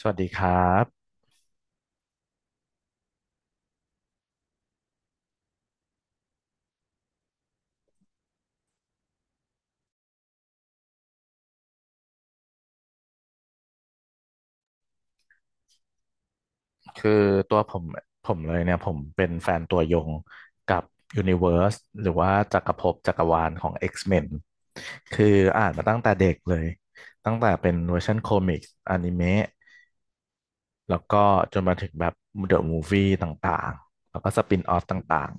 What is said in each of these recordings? สวัสดีครับ คือตัวผมผมเลยเนี่ยผมเป็นแฟนตัวยงกับ Universe หรือว่าจักรภพจักรวาลของ X-Men คืออ่านมาตั้งแต่เด็กเลย ตั้งแต่เป็นเวอร์ชันคอมิกส์อนิเมะแล้วก็จนมาถึงแบบ The Movie ต่างๆแล้วก็สปินออฟต่าง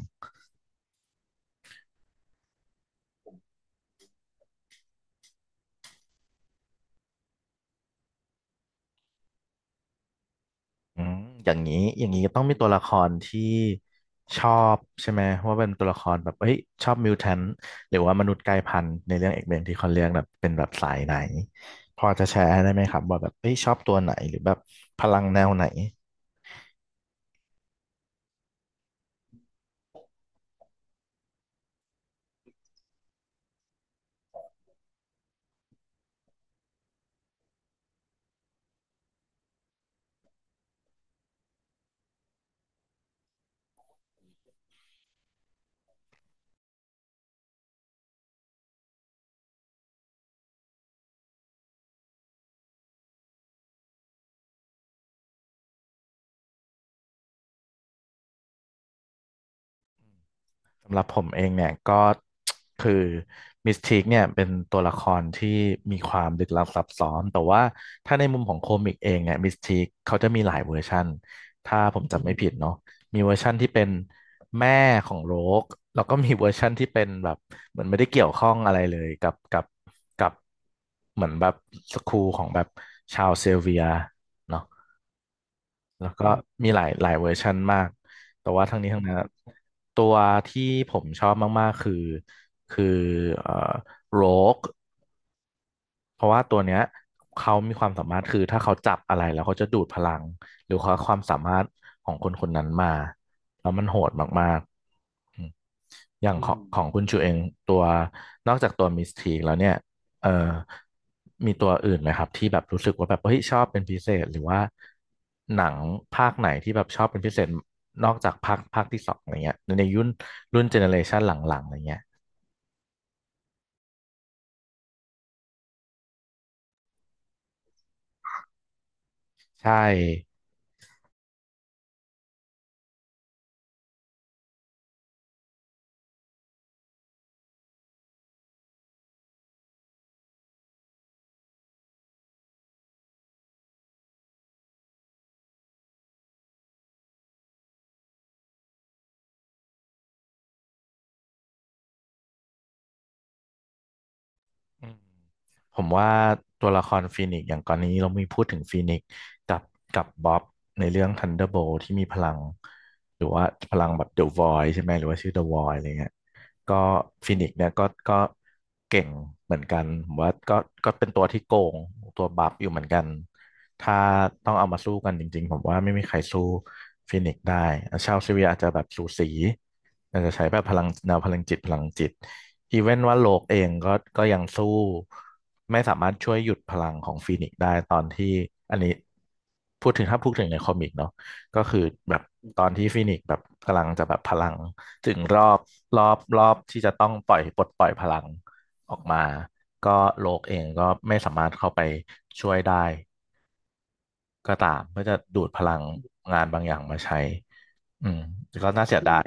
อืมอย่างนี้ก็ต้องมีตัวละครที่ชอบใช่ไหมว่าเป็นตัวละครแบบเฮ้ยชอบมิวแทนหรือว่ามนุษย์กลายพันธุ์ในเรื่องเอกเบนที่เขาเรียกแบบเป็นแบบสายไหนพอจะแชร์ได้ไหมครับว่าแบบเฮ้ยชอบตัวไหนหรือแบบพลังแนวไหน สำหรับผมเองเนี่ยก็ คือมิสทีคเนี่ยเป็นตัวละครที่มีความลึกลับซับซ้อนแต่ว่าถ้าในมุมของโคมิกเองเนี่ยมิสทีคเขาจะมีหลายเวอร์ชันถ้าผมจำไม่ผิดเนาะมีเวอร์ชันที่เป็นแม่ของโรกแล้วก็มีเวอร์ชันที่เป็นแบบเหมือนไม่ได้เกี่ยวข้องอะไรเลยกับเหมือนแบบสคูลของแบบชาวเซลเวียเนาะ แล้วก็มีหลายเวอร์ชันมาก แต่ว่าทั้งนี้ทั้งนั้นอะตัวที่ผมชอบมากๆคือเอ่อโรก เพราะว่าตัวเนี้ยเขามีความสามารถคือถ้าเขาจับอะไรแล้วเขาจะดูดพลังหรือเขาความสามารถของคนคนนั้นมาแล้วมันโหดมากๆอืมอย่างอืของมของคุณชูเองตัวนอกจากตัวมิสทีกแล้วเนี่ยเอ่อมีตัวอื่นไหมครับที่แบบรู้สึกว่าแบบเฮ้ยชอบเป็นพิเศษหรือว่าหนังภาคไหนที่แบบชอบเป็นพิเศษนอกจากภาคที่สองอะไรเงี้ยในยุครุ่นเจเนอเรชันหลังๆอะไรเงี้ยใช่ อืมผมว่าตัวละครฟีนิกซ์อย่างก่อนนี้เรามีพูดถึงฟีนิกซ์กับกับบ๊อบในเรื่อง Thunderbolt ที่มีพลังหรือว่าพลังแบบ The Void ใช่ไหมหรือว่าชื่อ The Void อะไรเงี้ยก็ฟีนิกซ์เนี่ยก็เก่งเหมือนกันผมว่าก็ก็เป็นตัวที่โกงตัวบัฟอยู่เหมือนกันถ้าต้องเอามาสู้กันจริงๆผมว่าไม่มีใครสู้ฟีนิกซ์ได้ชาวเซเวียอาจจะแบบสูสีอาจจะใช้แบบพลังแนวพลังจิต อีเวนว่าโลกเองก็ก็ยังสู้ไม่สามารถช่วยหยุดพลังของฟีนิกซ์ได้ตอนที่อันนี้พูดถึงถ้าพูดถึงในคอมิกเนาะก็คือแบบตอนที่ฟีนิกซ์แบบกำลังจะแบบพลังถึงรอบที่จะต้องปล่อยปลดปล่อยพลังออกมาก็โลกเองก็ไม่สามารถเข้าไปช่วยได้ก็ตามเพื่อจะดูดพลังงานบางอย่างมาใช้อืมก็น่าเสียดาย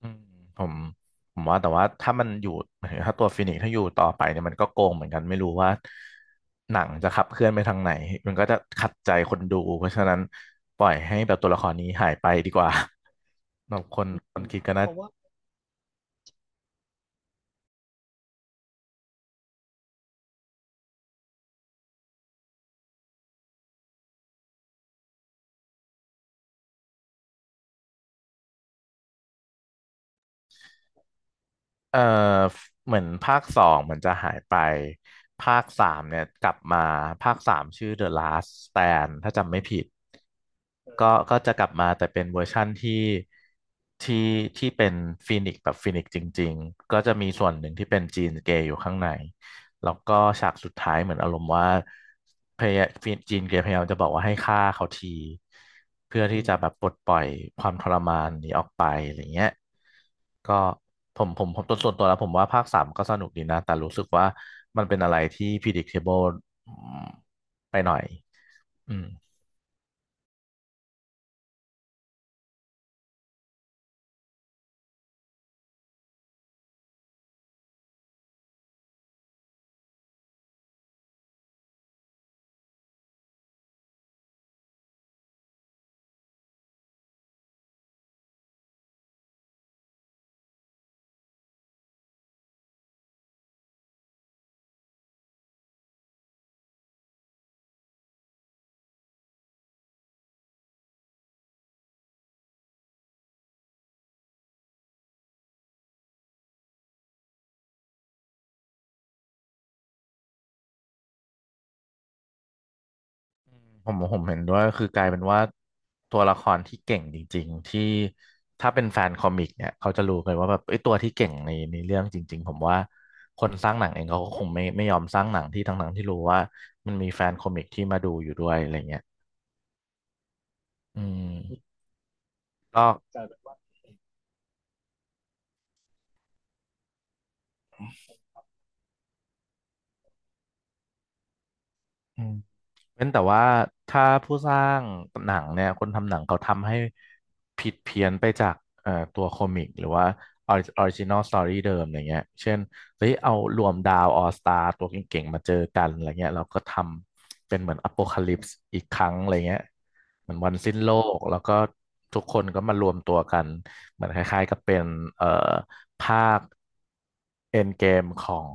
อืมผมผมว่าแต่ว่าถ้ามันอยู่ หมายถึงถ้าตัวฟินิกซ์ถ้าอยู่ต่อไปเนี่ยมันก็โกงเหมือนกันไม่รู้ว่าหนังจะขับเคลื่อนไปทางไหนมันก็จะขัดใจคนดูเพราะฉะนั้นปล่อยให้แบบตัวละครนี้หายไปดีกว่า บางคนคนคิดก็นะว่าเออเหมือนภาคสองมันจะหายไปภาคสามเนี่ยกลับมาภาคสามชื่อ The Last Stand ถ้าจำไม่ผิด ก็ก็จะกลับมาแต่เป็นเวอร์ชั่นที่ที่เป็นฟีนิกซ์แบบฟีนิกซ์จริงๆก็จะมีส่วนหนึ่งที่เป็นจีนเกย์อยู่ข้างในแล้วก็ฉากสุดท้ายเหมือนอารมณ์ว่าพยายามจีนเกย์พยายามจะบอกว่าให้ฆ่าเขาทีเพื่อที่จะแบบปลดปล่อยความทรมานนี้ออกไปอะไรเงี้ยก็ผมตัวส่วนตัวแล้วผมว่าภาคสามก็สนุกดีนะแต่รู้สึกว่ามันเป็นอะไรที่ predictable ไปหน่อยอืม ผมเห็นด้วยคือกลายเป็นว่าตัวละครที่เก่งจริงๆที่ถ้าเป็นแฟนคอมิกเนี่ยเขาจะรู้เลยว่าแบบไอ้ยตัวที่เก่งในเรื่องจริงๆผมว่าคนสร้างหนังเองเขาก็คงไม่ยอมสร้างหนังที่ทั้งๆที่รู้ว่ามันมีแฟนคอมิกที่มาดูอยู่ด้วยอะไรเงี้ยอืมก็กลายเป็นว่าอืม เว้นแต่ว่าถ้าผู้สร้างหนังเนี่ยคนทำหนังเขาทำให้ผิดเพี้ยนไปจากตัวคอมิกหรือว่าออริจินอลสตอรี่เดิมอะไรเงี้ยเช่นเฮ้ยเอารวมดาวออสตาร์ตัวเก่งๆมาเจอกันอะไรเงี้ยเราก็ทำเป็นเหมือนอโ o คาลิปส์อีกครั้งอะไรเงี้ยเหมือนวันสิ้นโลกแล้วก็ทุกคนก็มารวมตัวกันเหมือนคล้ายๆกับเป็นเอ่อภาคเอ็นเกมของ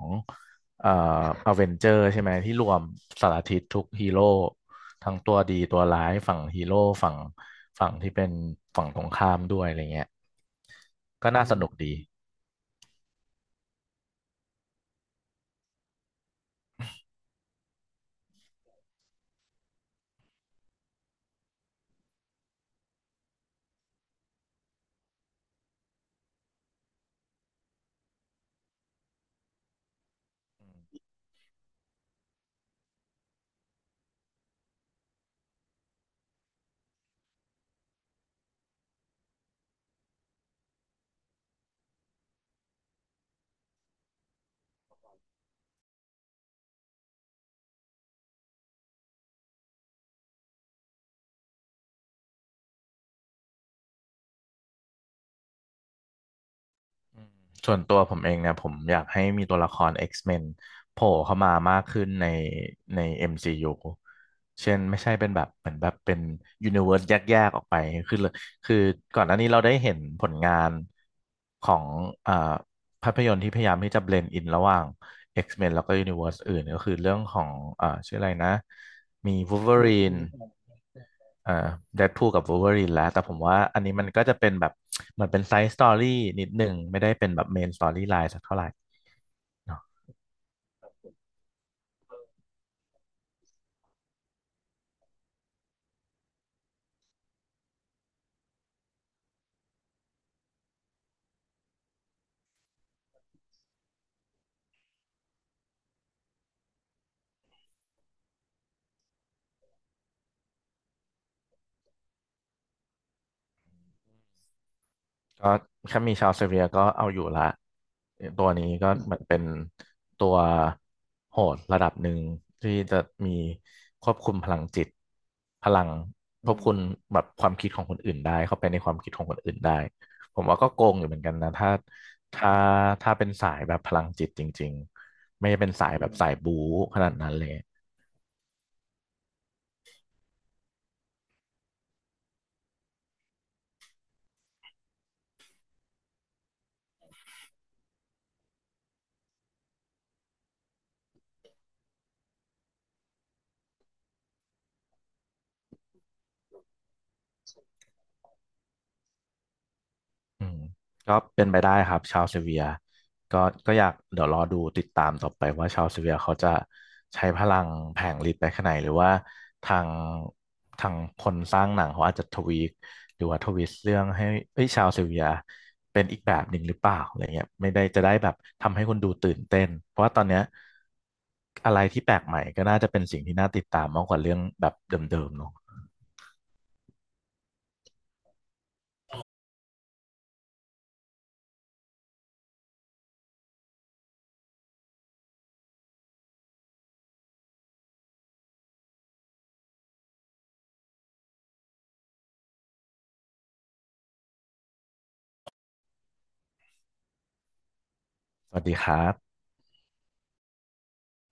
เอ่ออเวนเจอร์ใช่ไหมที่รวมสารทิศทุกฮีโร่ทั้งตัวดีตัวร้ายฝั่งฮีโร่ฝั่งฝั่งที่เป็นฝั่งตรงข้ามด้วยอะไรเงี้ยก็น่าสนุกดี อืมส่วนตัวผมเองเนี่ยผมอยากให้มีตัวละคร X-Men โผล่เข้ามามากขึ้นใน MCU เช่นไม่ใช่เป็นแบบเหมือนแบบเป็นยูนิเว s ร์สแยกๆออกไปคือเลยคือก่อนหน้านี้เราได้เห็นผลงานของอ่าภาพยนตร์ที่พยายามที่จะเบลนด์อินระหว่าง X-Men แล้วก็ยูนิเว s ร์สอื่นก็คือเรื่องของชื่ออะไรนะมี Wolverine เอ่อเดดพูลกับวูล์ฟเวอรีนแล้วแต่ผมว่าอันนี้มันก็จะเป็นแบบเหมือนเป็นไซด์สตอรี่นิดหนึ่งไม่ได้เป็นแบบเมนสตอรี่ไลน์สักเท่าไหร่เนอะ ก็แค่มีชาวเซเบียก็เอาอยู่ละตัวนี้ก็เหมือนเป็นตัวโหดระดับหนึ่งที่จะมีควบคุมพลังจิตพลังอืควบมคุมแบบความคิดของคนอื่นได้เข้าไปในความคิดของคนอื่นได้ผมว่าก็โกงอยู่เหมือนกันนะถ้าถ้าเป็นสายแบบพลังจิตจริงๆไม่ได้เป็นสายอืแบบมสายบู๊ขนาดนั้นเลย อืมก็เป็นไปได้ครับชาวเซเวียก็ก็อยากเดี๋ยวรอดูติดตามต่อไปว่าชาวเซเวียเขาจะใช้พลังแผงฤทธิ์ไปขนาดไหนหรือว่าทางทางคนสร้างหนังเขาอาจจะทวีคหรือว่าทวิสต์เรื่องให้เอ้ยชาวเซเวียเป็นอีกแบบหนึ่งหรือเปล่าอะไรเงี้ยไม่ได้จะได้แบบทำให้คนดูตื่นเต้นเพราะว่าตอนเนี้ยอะไรที่แปลกใหม่ก็น่าจะเป็นสิ่งที่น่าติดตามมากกว่าเรื่องแบบเดิมๆเนาะสวัสดีครับ